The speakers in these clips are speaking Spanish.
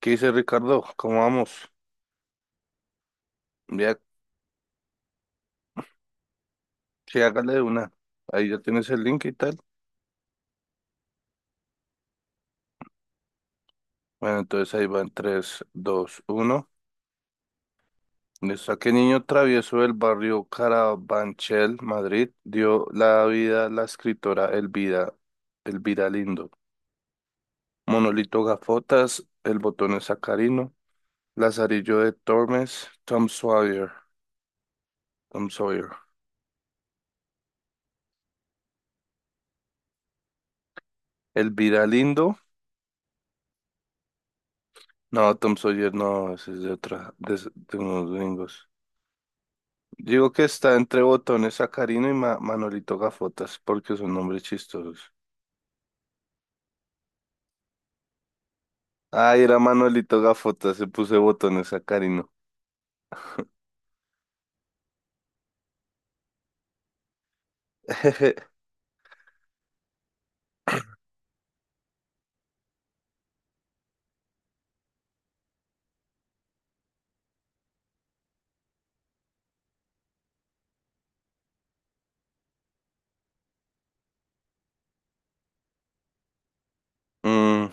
¿Qué dice Ricardo? ¿Cómo vamos? Ya, sí, hágale una. Ahí ya tienes el link y tal. Bueno, entonces ahí van tres, dos, uno. Listo. ¿A qué niño travieso del barrio Carabanchel, Madrid, dio la vida a la escritora Elvira Lindo? Monolito Gafotas, El Botón es Sacarino, Lazarillo de Tormes, Tom Sawyer, Tom Sawyer. Elvira Lindo. No, Tom Sawyer no, ese es de otra, de unos gringos. Digo que está entre Botones Sacarino y Manolito Gafotas, porque son nombres chistosos. Ah, era Manolito Gafotas, se puse Botones Sacarino. Mm,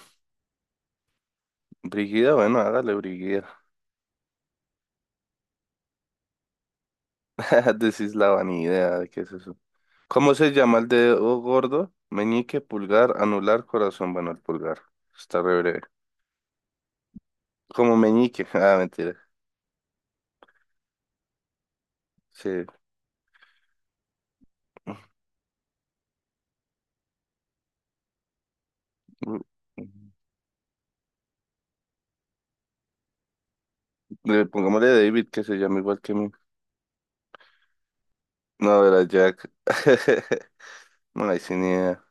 Brigida, bueno, hágale Brigida. Decís la vanidad, ¿de ¿qué es eso? ¿Cómo se llama el dedo gordo? Meñique, pulgar, anular, corazón, bueno, el pulgar. Está re breve. Como meñique, ah, mentira. Sí. Pongámosle David, que se llama igual que mí. No, era Jack. No, hay sin idea.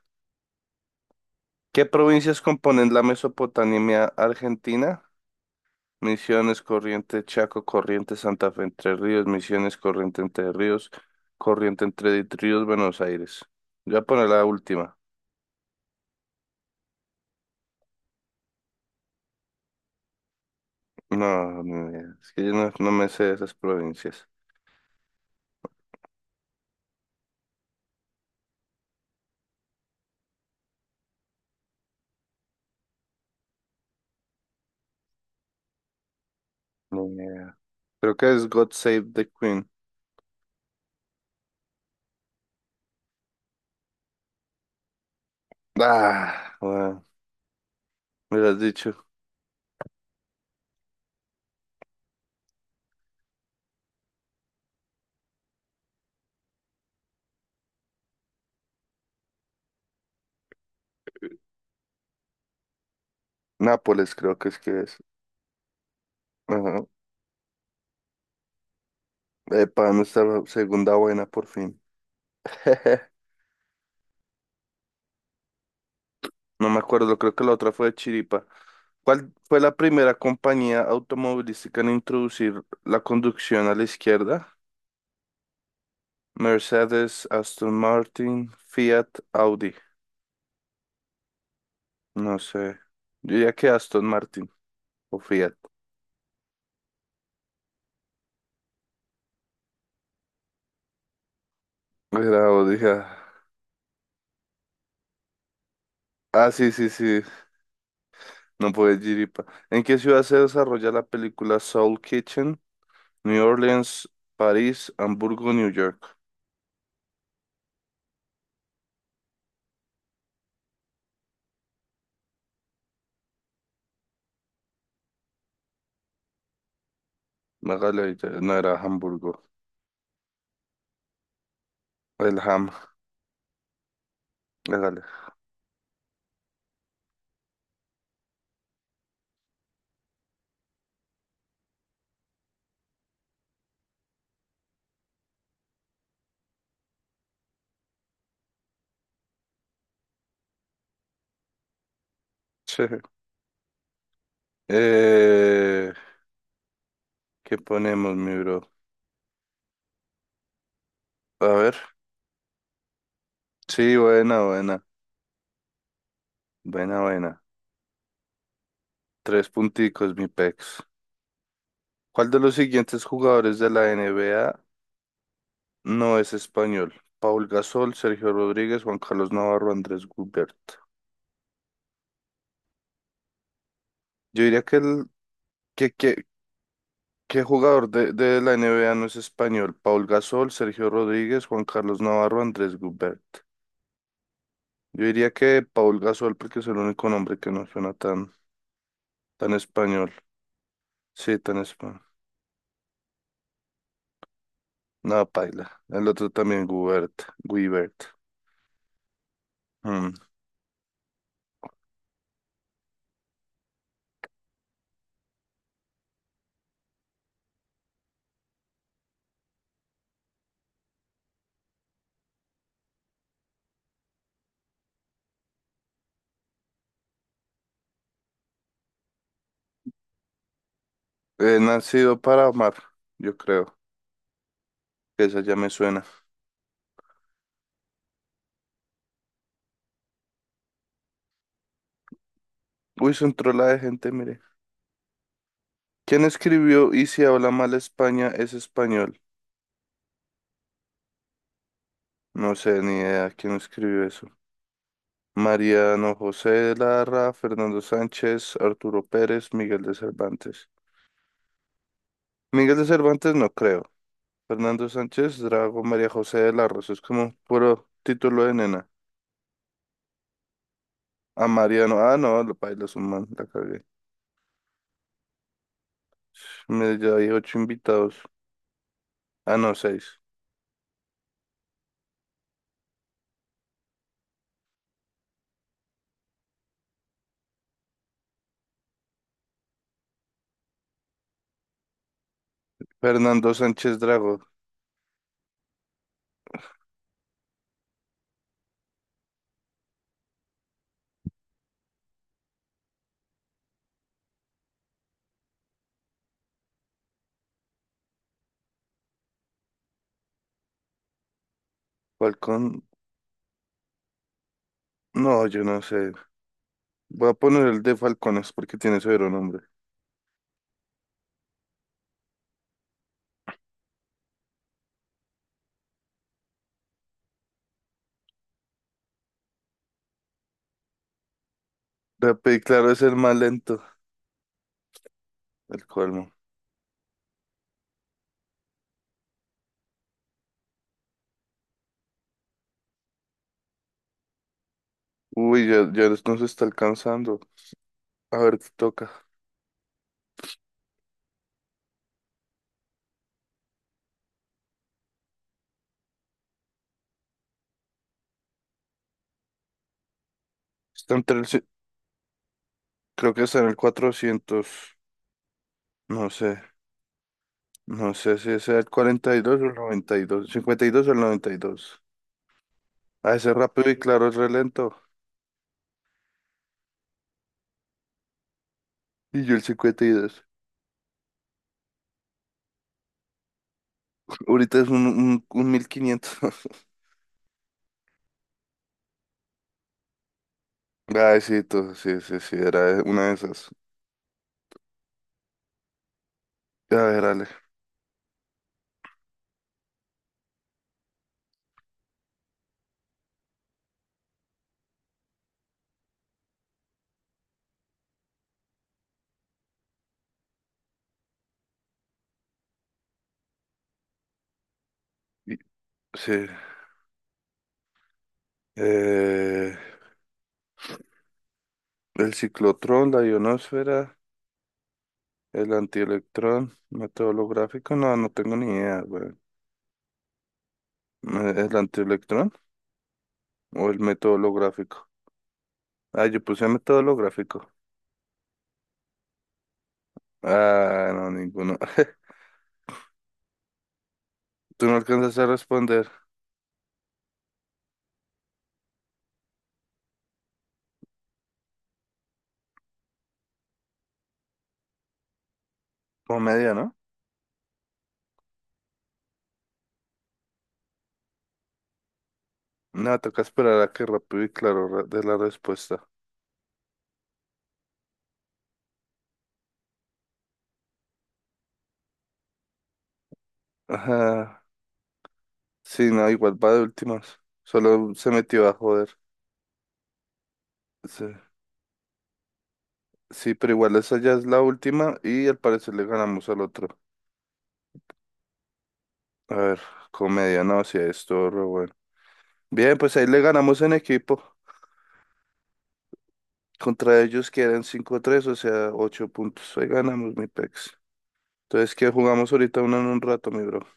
¿Qué provincias componen la Mesopotamia Argentina? Misiones, Corrientes, Chaco, Corrientes, Santa Fe, Entre Ríos, Misiones, Corrientes, Entre Ríos, Corrientes, Entre Ríos, Buenos Aires. Yo voy a poner la última. No, ni idea. Es que yo no me sé de esas provincias. Ni idea. Creo que es God Save the Queen. Ah, bueno, me lo has dicho. Nápoles creo que es. Ajá. Epa, nuestra segunda buena por fin. No me acuerdo, creo que la otra fue de Chiripa. ¿Cuál fue la primera compañía automovilística en introducir la conducción a la izquierda? Mercedes, Aston Martin, Fiat, Audi. No sé. Yo diría que Aston Martin o Fiat. Era Audi. Ah, sí, sí, sí. No puede Chiripa. ¿En qué ciudad se desarrolla la película Soul Kitchen? New Orleans, París, Hamburgo, New York. Hágale, ahí, no era Hamburgo. El Ham. Hágale. Eh, ¿Qué ponemos, mi bro? A ver. Sí, buena, buena. Buena, buena. Tres punticos, mi pex. ¿Cuál de los siguientes jugadores de la N B A no es español? Paul Gasol, Sergio Rodríguez, Juan Carlos Navarro, Andrés Gubert. Yo diría que el que, ¿Qué jugador de la N B A no es español? Paul Gasol, Sergio Rodríguez, Juan Carlos Navarro, Andrés Gubert. Yo diría que Paul Gasol, porque es el único nombre que no suena tan, tan español. Sí, tan español. No, paila. El otro también, Gubert. Guibert. Mm. Nacido para amar, yo creo. Esa ya me suena. Uy, son trola de gente, mire. ¿Quién escribió Y si habla mal España es español? No sé ni idea quién escribió eso. Mariano José de Larra, Fernando Sánchez, Arturo Pérez, Miguel de Cervantes. Miguel de Cervantes no creo. Fernando Sánchez, Drago, María José de Larra. Eso es como puro título de nena. A Mariano. Ah, no, lo paila es un man, la cagué. Me ya hay ocho invitados. Ah, no, seis. Fernando Sánchez Drago. Falcón. No, yo no sé. Voy a poner el de Falcones porque tiene severo nombre. Rappi, claro, es el más lento. El colmo. Uy, ya, ya nos está alcanzando. A ver qué toca. Está entre el, ci- Creo que está en el 400. No sé. No sé si es el 42 o el 92, 52 o el 92. A ese rápido y claro es re lento. Y yo el 52. Ahorita es un 1500. Ay, sí, tú, sí, sí, sí, era una de esas. A ver, Ale. y- Sí. Eh, el ciclotrón, la ionosfera, el antielectrón, método holográfico. No, no tengo ni idea, güey. ¿El antielectrón o el método holográfico? Ah, yo puse método holográfico. Ah, no, ninguno. Tú no alcanzas a responder. Como media, ¿no? No, toca esperar a que rápido y claro dé la respuesta. Ajá. Sí, no, igual va de últimas. Solo se metió a joder. Sí. Sí, pero igual esa ya es la última y al parecer le ganamos al otro. A ver, comedia, no, si esto, re bueno. Bien, pues ahí le ganamos en equipo. Contra ellos quedan 5 tres, o sea, 8 puntos. Ahí ganamos, mi pex. Entonces, ¿qué jugamos ahorita? Uno en un rato, mi bro.